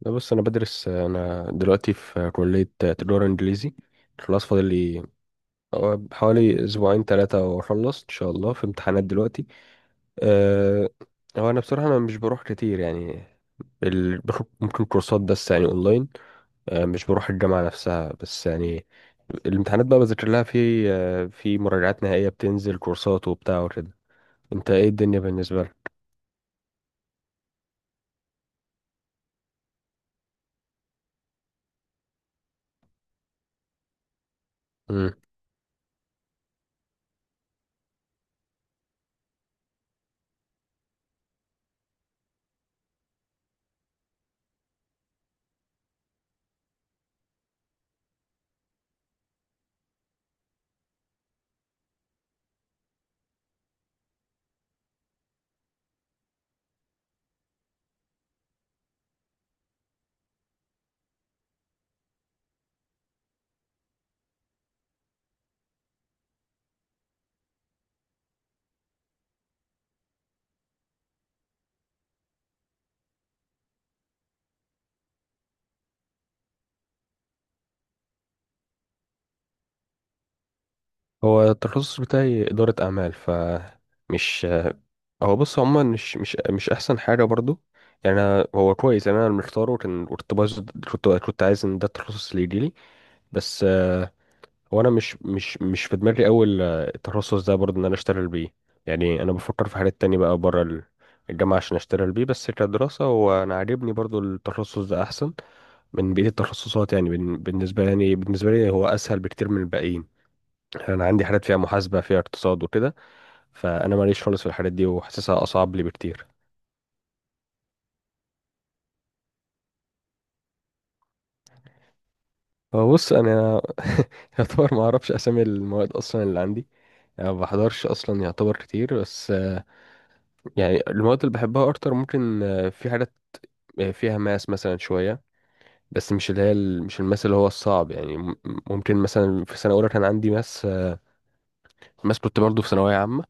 لا، بص، انا بدرس. انا دلوقتي في كلية تجارة انجليزي. خلاص، فاضل لي حوالي اسبوعين ثلاثة واخلص ان شاء الله. في امتحانات دلوقتي. أه هو انا بصراحة، مش بروح كتير يعني. باخد ممكن كورسات بس يعني اونلاين. مش بروح الجامعة نفسها بس يعني. الامتحانات بقى بذاكر لها في مراجعات نهائية، بتنزل كورسات وبتاع وكده. انت ايه الدنيا بالنسبة لك؟ مم. هو التخصص بتاعي إدارة أعمال. ف مش هو بص، هما مش احسن حاجه برضو. يعني أنا هو كويس. يعني انا اللي مختاره كان، كنت عايز ان ده التخصص اللي يجيلي. بس هو انا مش في دماغي اول، التخصص ده برضو ان انا اشتغل بيه. يعني انا بفكر في حاجات تانية بقى بره الجامعه عشان اشتغل بيه. بس كدراسه هو انا عاجبني برضو التخصص ده، احسن من بقيه التخصصات. يعني بالنسبه لي هو اسهل بكتير من الباقيين. يعني انا عندي حاجات فيها محاسبه، فيها اقتصاد وكده. فانا ماليش خالص في الحاجات دي وحاسسها اصعب لي بكتير. هو بص، انا يعتبر ما اعرفش اسامي المواد اصلا اللي عندي. يعني ما بحضرش اصلا يعتبر كتير. بس يعني المواد اللي بحبها اكتر ممكن في حاجات فيها ماس مثلا شويه. بس مش اللي هي مش الماس اللي هو الصعب. يعني ممكن مثلا في سنه اولى كان عندي ماس. ماس كنت برضه في ثانويه عامه.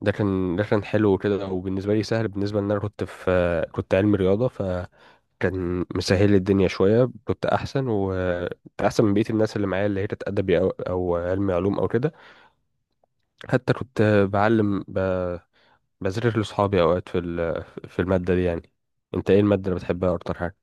ده كان حلو كده. وبالنسبه لي سهل، بالنسبه ان انا كنت في آه، كنت علمي رياضه، فكان مسهل لي الدنيا شويه. كنت احسن واحسن من بقيه الناس اللي معايا، اللي هي كانت ادبي او علمي علوم او كده. حتى كنت بعلم ب... بذاكر لصحابي اوقات في الماده دي يعني. انت ايه الماده اللي بتحبها اكتر حاجه؟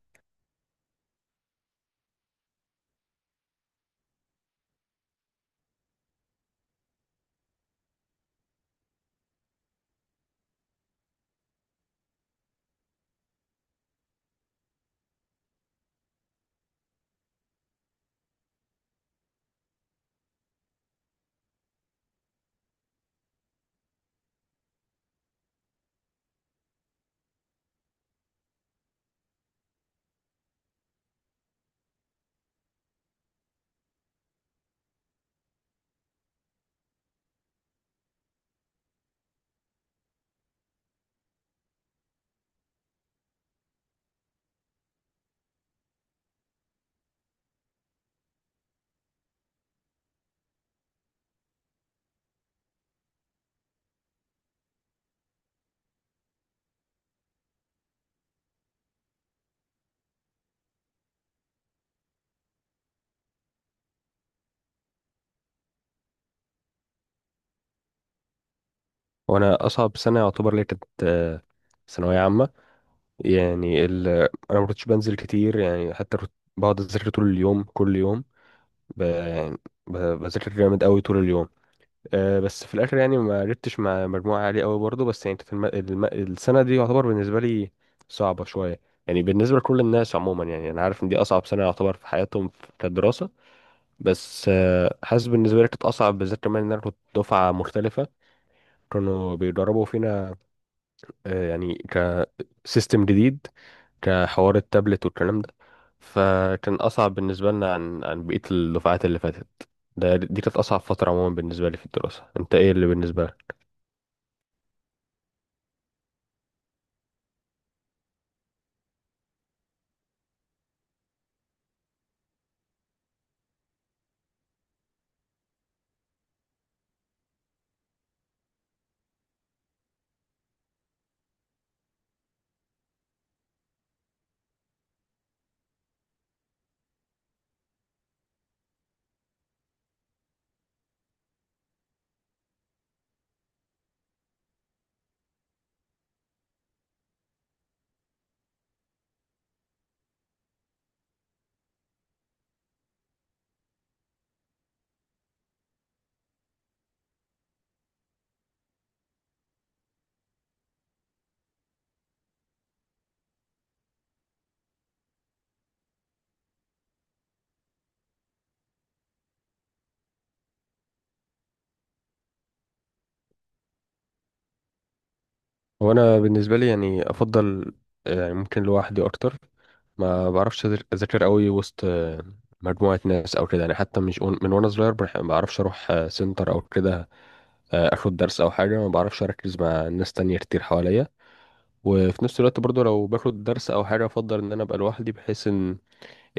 وانا اصعب سنه يعتبر لي كانت ثانويه عامه. يعني انا ما كنتش بنزل كتير، يعني حتى كنت بقعد اذاكر طول اليوم كل يوم. يعني بذاكر جامد قوي طول اليوم. بس في الاخر يعني ما عرفتش مع مجموعه عاليه قوي برضه. بس يعني كانت السنه دي يعتبر بالنسبه لي صعبه شويه. يعني بالنسبه لكل الناس عموما، يعني انا عارف ان دي اصعب سنه يعتبر في حياتهم كدراسه. بس حاسس بالنسبة لي كانت أصعب بالذات، كمان إن أنا كنت دفعة مختلفة. كانوا بيدربوا فينا يعني كسيستم جديد، كحوار التابلت والكلام ده. فكان أصعب بالنسبة لنا عن بقية الدفعات اللي فاتت. دي كانت أصعب فترة عموما بالنسبة لي في الدراسة. أنت إيه اللي بالنسبة لك؟ وأنا بالنسبة لي يعني أفضل، يعني ممكن لوحدي أكتر. ما بعرفش أذاكر قوي وسط مجموعة ناس أو كده. يعني حتى مش من وأنا صغير، ما بعرفش أروح سنتر أو كده. اخد درس او حاجه، ما بعرفش اركز مع ناس تانية كتير حواليا. وفي نفس الوقت برضو لو باخد درس او حاجه، افضل ان انا ابقى لوحدي بحيث ان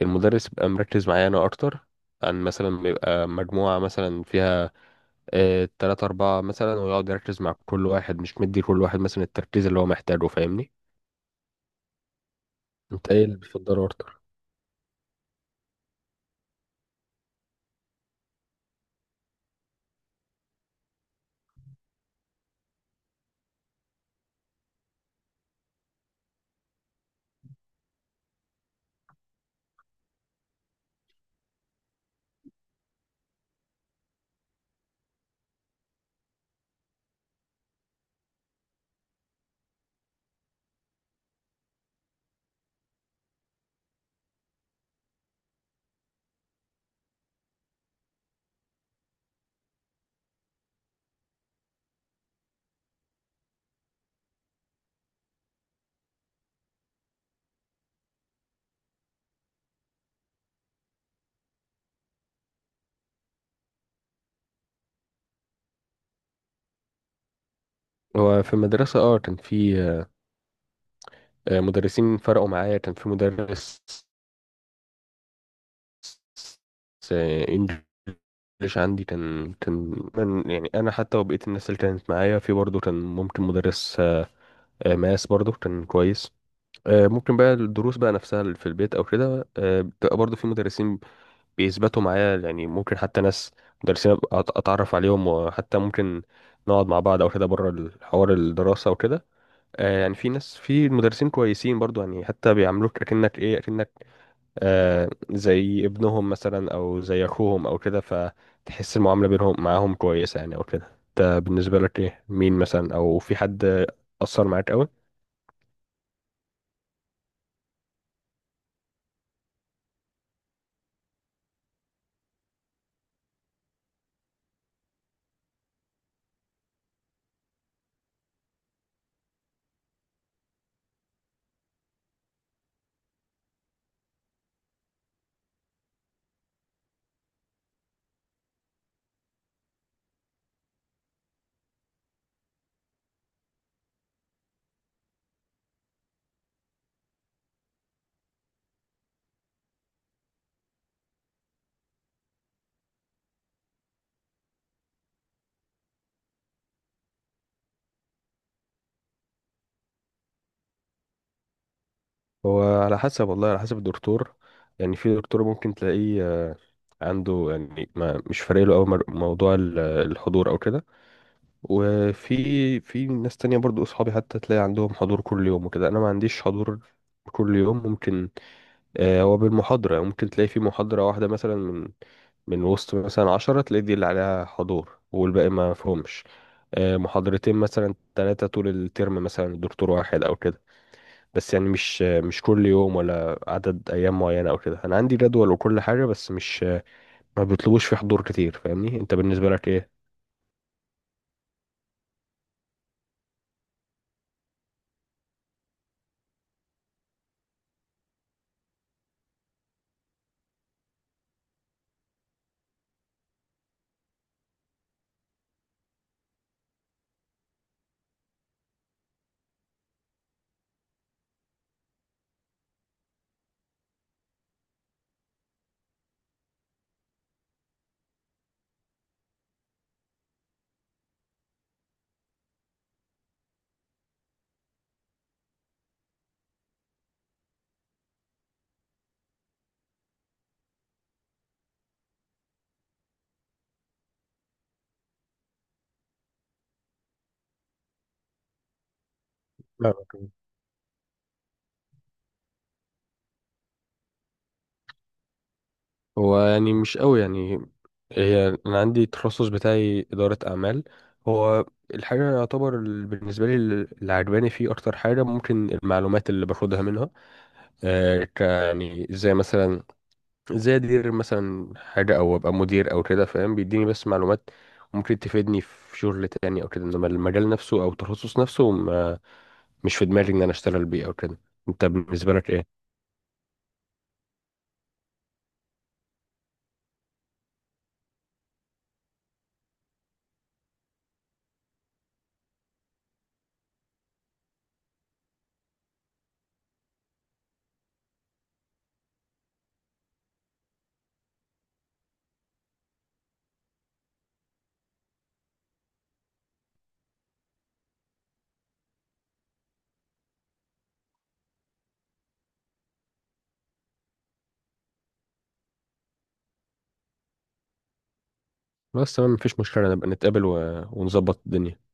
المدرس يبقى مركز معايا انا اكتر. عن مثلا ما يبقى مجموعه مثلا فيها تلاتة أربعة مثلا، ويقعد يركز مع كل واحد مش مدي كل واحد مثلا التركيز اللي هو محتاجه، فاهمني؟ انت ايه اللي بتفضله اكتر؟ هو في المدرسة كان في مدرسين فرقوا معايا. كان في مدرس بس انجلش عندي كان من، يعني انا حتى وبقيت الناس اللي كانت معايا في، برضه كان ممكن مدرس ماس برضه كان كويس. ممكن بقى الدروس بقى نفسها اللي في البيت او كده، بتبقى برضه في مدرسين بيثبتوا معايا. يعني ممكن حتى ناس مدرسين أبقى اتعرف عليهم، وحتى ممكن نقعد مع بعض او كده بره الحوار، الدراسه وكده. يعني في ناس في مدرسين كويسين برضه، يعني حتى بيعاملوك اكنك زي ابنهم مثلا او زي اخوهم او كده، فتحس المعامله بينهم معاهم كويسه يعني او كده. انت بالنسبه لك ايه؟ مين مثلا؟ او في حد اثر معاك قوي؟ هو على حسب، والله على حسب الدكتور. يعني في دكتور ممكن تلاقيه عنده يعني، ما مش فارق له قوي موضوع الحضور او كده. وفي ناس تانية برضو اصحابي حتى تلاقي عندهم حضور كل يوم وكده. انا ما عنديش حضور كل يوم. ممكن، هو بالمحاضرة، ممكن تلاقي في محاضرة واحدة مثلا من وسط مثلا 10، تلاقي دي اللي عليها حضور والباقي ما فهمش. محاضرتين مثلا ثلاثة طول الترم مثلا، دكتور واحد أو كده. بس يعني مش كل يوم ولا عدد أيام معينة أو كده. أنا عندي جدول وكل حاجة، بس مش ما بيطلبوش في حضور كتير، فاهمني؟ أنت بالنسبة لك إيه؟ لا، أوكي. هو يعني مش قوي يعني. هي انا عندي التخصص بتاعي اداره اعمال. هو الحاجه يعتبر بالنسبه لي اللي عجباني فيه اكتر حاجه ممكن المعلومات اللي باخدها منها. يعني زي ادير مثلا حاجة او ابقى مدير او كده، فاهم، بيديني بس معلومات ممكن تفيدني في شغل تاني او كده. انما المجال نفسه او التخصص نفسه، ما مش في دماغي ان انا اشتغل بيه او كده. انت بالنسبة لك ايه؟ بس تمام، مفيش مشكلة نبقى نتقابل ونظبط الدنيا.